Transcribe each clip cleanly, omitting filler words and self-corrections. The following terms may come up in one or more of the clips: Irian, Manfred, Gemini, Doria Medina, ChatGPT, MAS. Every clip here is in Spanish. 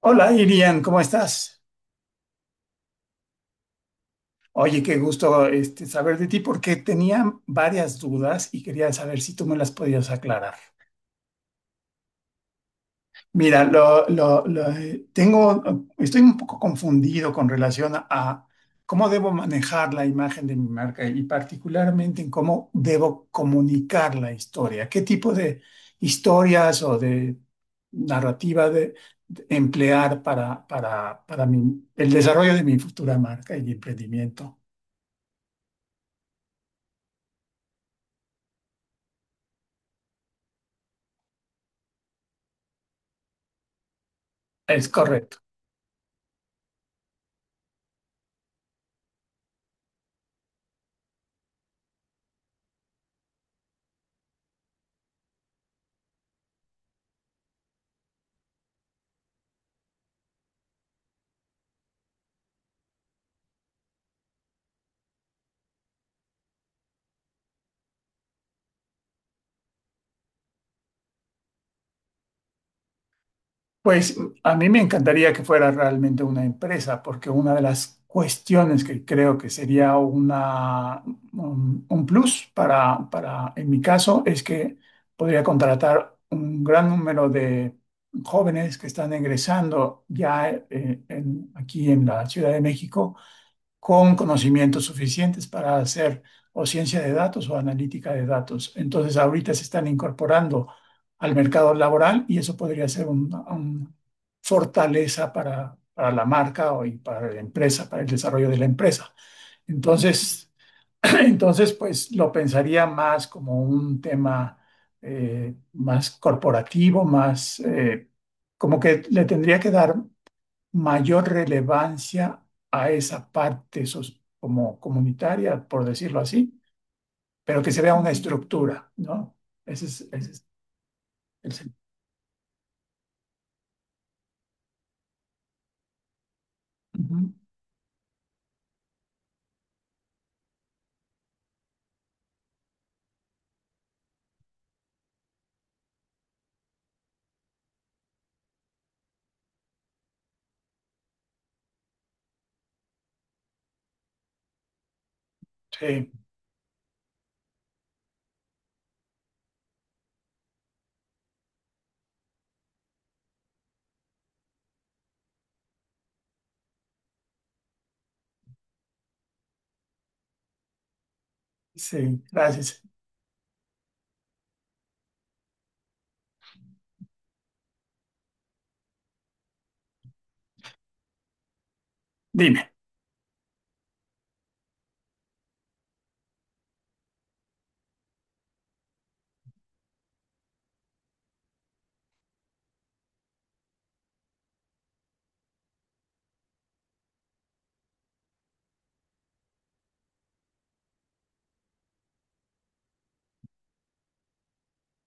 Hola, Irian, ¿cómo estás? Oye, qué gusto saber de ti porque tenía varias dudas y quería saber si tú me las podías aclarar. Mira, tengo, estoy un poco confundido con relación a cómo debo manejar la imagen de mi marca y particularmente en cómo debo comunicar la historia. ¿Qué tipo de historias o de narrativa de emplear para el desarrollo de mi futura marca y emprendimiento? Es correcto. Pues a mí me encantaría que fuera realmente una empresa, porque una de las cuestiones que creo que sería un plus para, en mi caso, es que podría contratar un gran número de jóvenes que están egresando ya aquí en la Ciudad de México con conocimientos suficientes para hacer o ciencia de datos o analítica de datos. Entonces, ahorita se están incorporando al mercado laboral y eso podría ser una un fortaleza para la marca o y para la empresa, para el desarrollo de la empresa. Entonces, entonces, pues lo pensaría más como un tema más corporativo, más... como que le tendría que dar mayor relevancia a esa parte como comunitaria, por decirlo así, pero que se vea una estructura, ¿no? Ese es el sen- ujú. Sí, sí, gracias. Dime.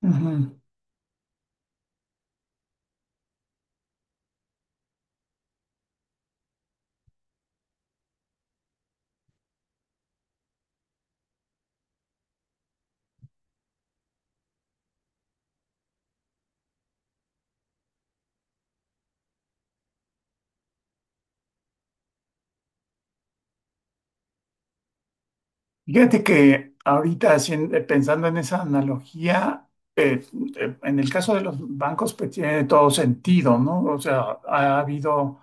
Ujú. Fíjate que ahorita pensando en esa analogía, eh, en el caso de los bancos, pues tiene todo sentido, ¿no? O sea, ha habido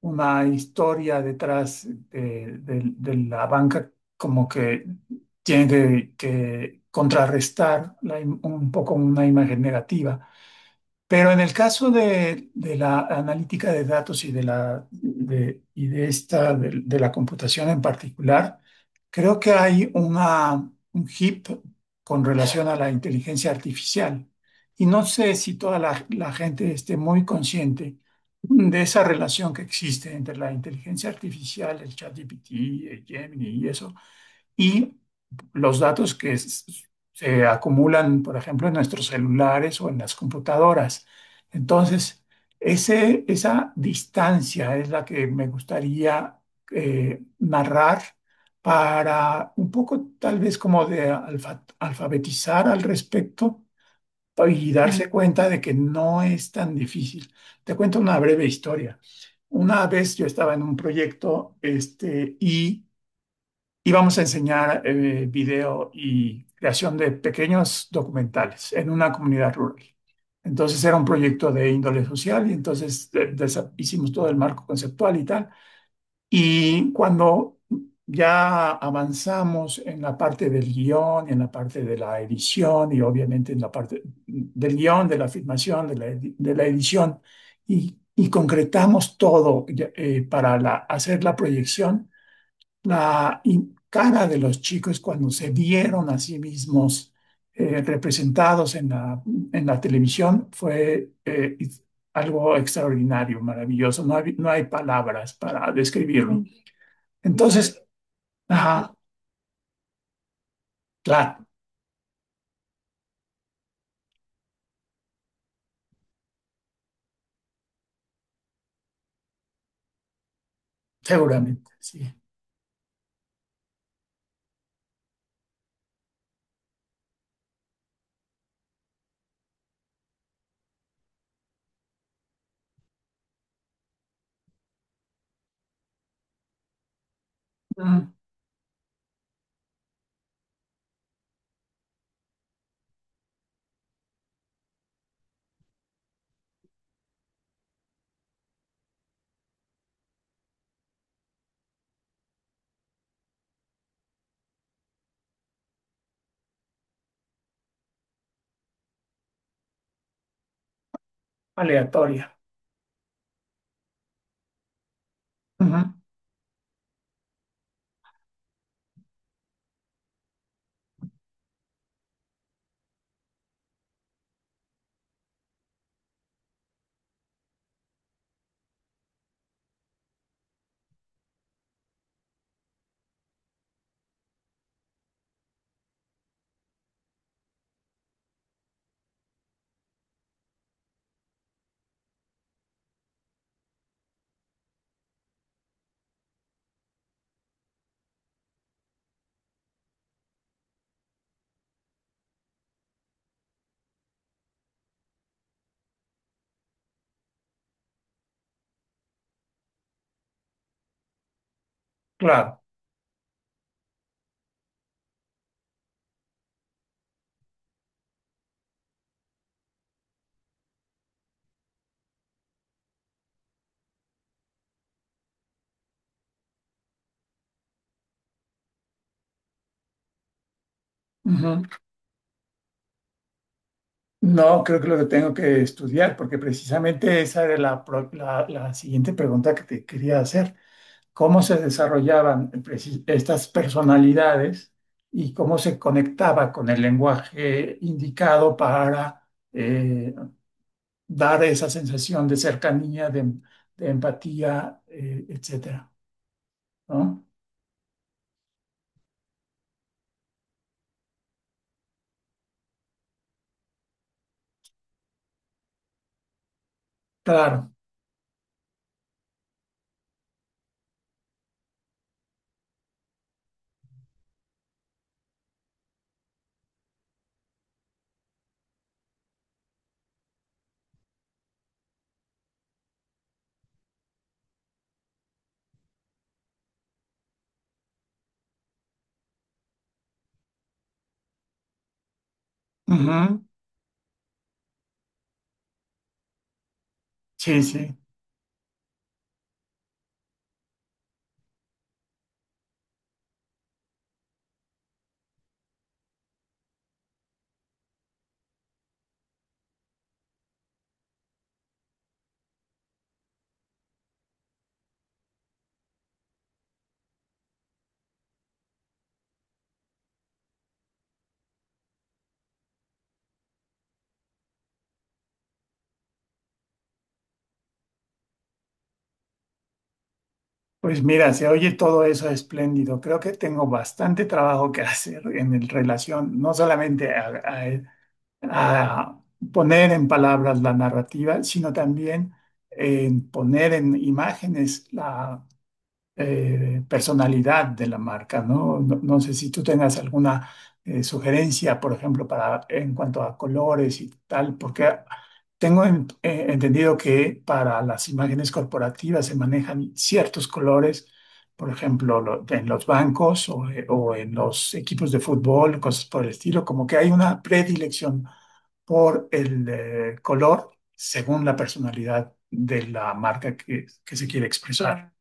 una historia detrás de la banca, como que tiene que contrarrestar un poco una imagen negativa. Pero en el caso de la analítica de datos y de la, de, y de esta, de la computación en particular, creo que hay un hip con relación a la inteligencia artificial. Y no sé si toda la gente esté muy consciente de esa relación que existe entre la inteligencia artificial, el ChatGPT, el Gemini y eso, y los datos que se acumulan, por ejemplo, en nuestros celulares o en las computadoras. Entonces, esa distancia es la que me gustaría narrar para un poco tal vez como de alfabetizar al respecto y darse cuenta de que no es tan difícil. Te cuento una breve historia. Una vez yo estaba en un proyecto, este, y vamos a enseñar video y creación de pequeños documentales en una comunidad rural. Entonces era un proyecto de índole social y entonces hicimos todo el marco conceptual y tal. Y cuando ya avanzamos en la parte del guión, en la parte de la edición y obviamente en la parte del guión, de la filmación, de la edición y concretamos todo para hacer la proyección, cara de los chicos cuando se vieron a sí mismos representados en la televisión fue algo extraordinario, maravilloso. No hay, no hay palabras para describirlo. Entonces, ajá, claro, seguramente, sí. Ujú. Aleatoria. Ujú. Claro. Ujú. No, creo que lo que tengo que estudiar, porque precisamente esa era la siguiente pregunta que te quería hacer. ¿Cómo se desarrollaban estas personalidades y cómo se conectaba con el lenguaje indicado para eh, dar esa sensación de cercanía, de empatía, etcétera? ¿No? Claro. Ujú. Sí, sí. Pues mira, se oye todo eso espléndido. Creo que tengo bastante trabajo que hacer en relación, no solamente a a poner en palabras la narrativa, sino también en poner en imágenes personalidad de la marca, ¿no? No, no sé si tú tengas alguna sugerencia, por ejemplo, para, en cuanto a colores y tal, porque tengo entendido que para las imágenes corporativas se manejan ciertos colores, por ejemplo, en los bancos o en los equipos de fútbol, cosas por el estilo, como que hay una predilección por el color según la personalidad de la marca que se quiere expresar.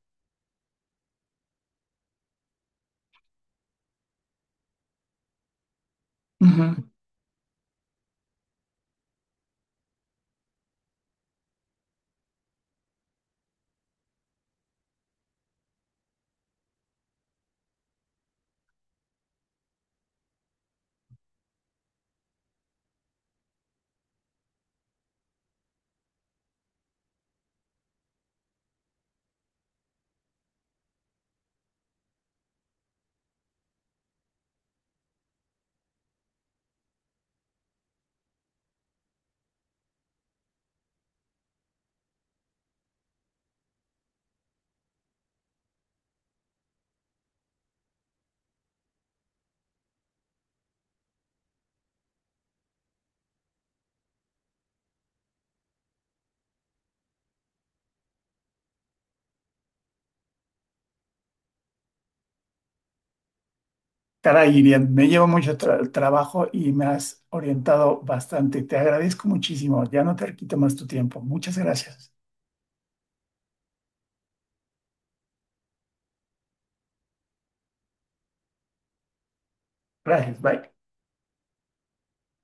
Caray, Irian, me llevo mucho trabajo y me has orientado bastante. Te agradezco muchísimo. Ya no te quito más tu tiempo. Muchas gracias. Gracias, bye.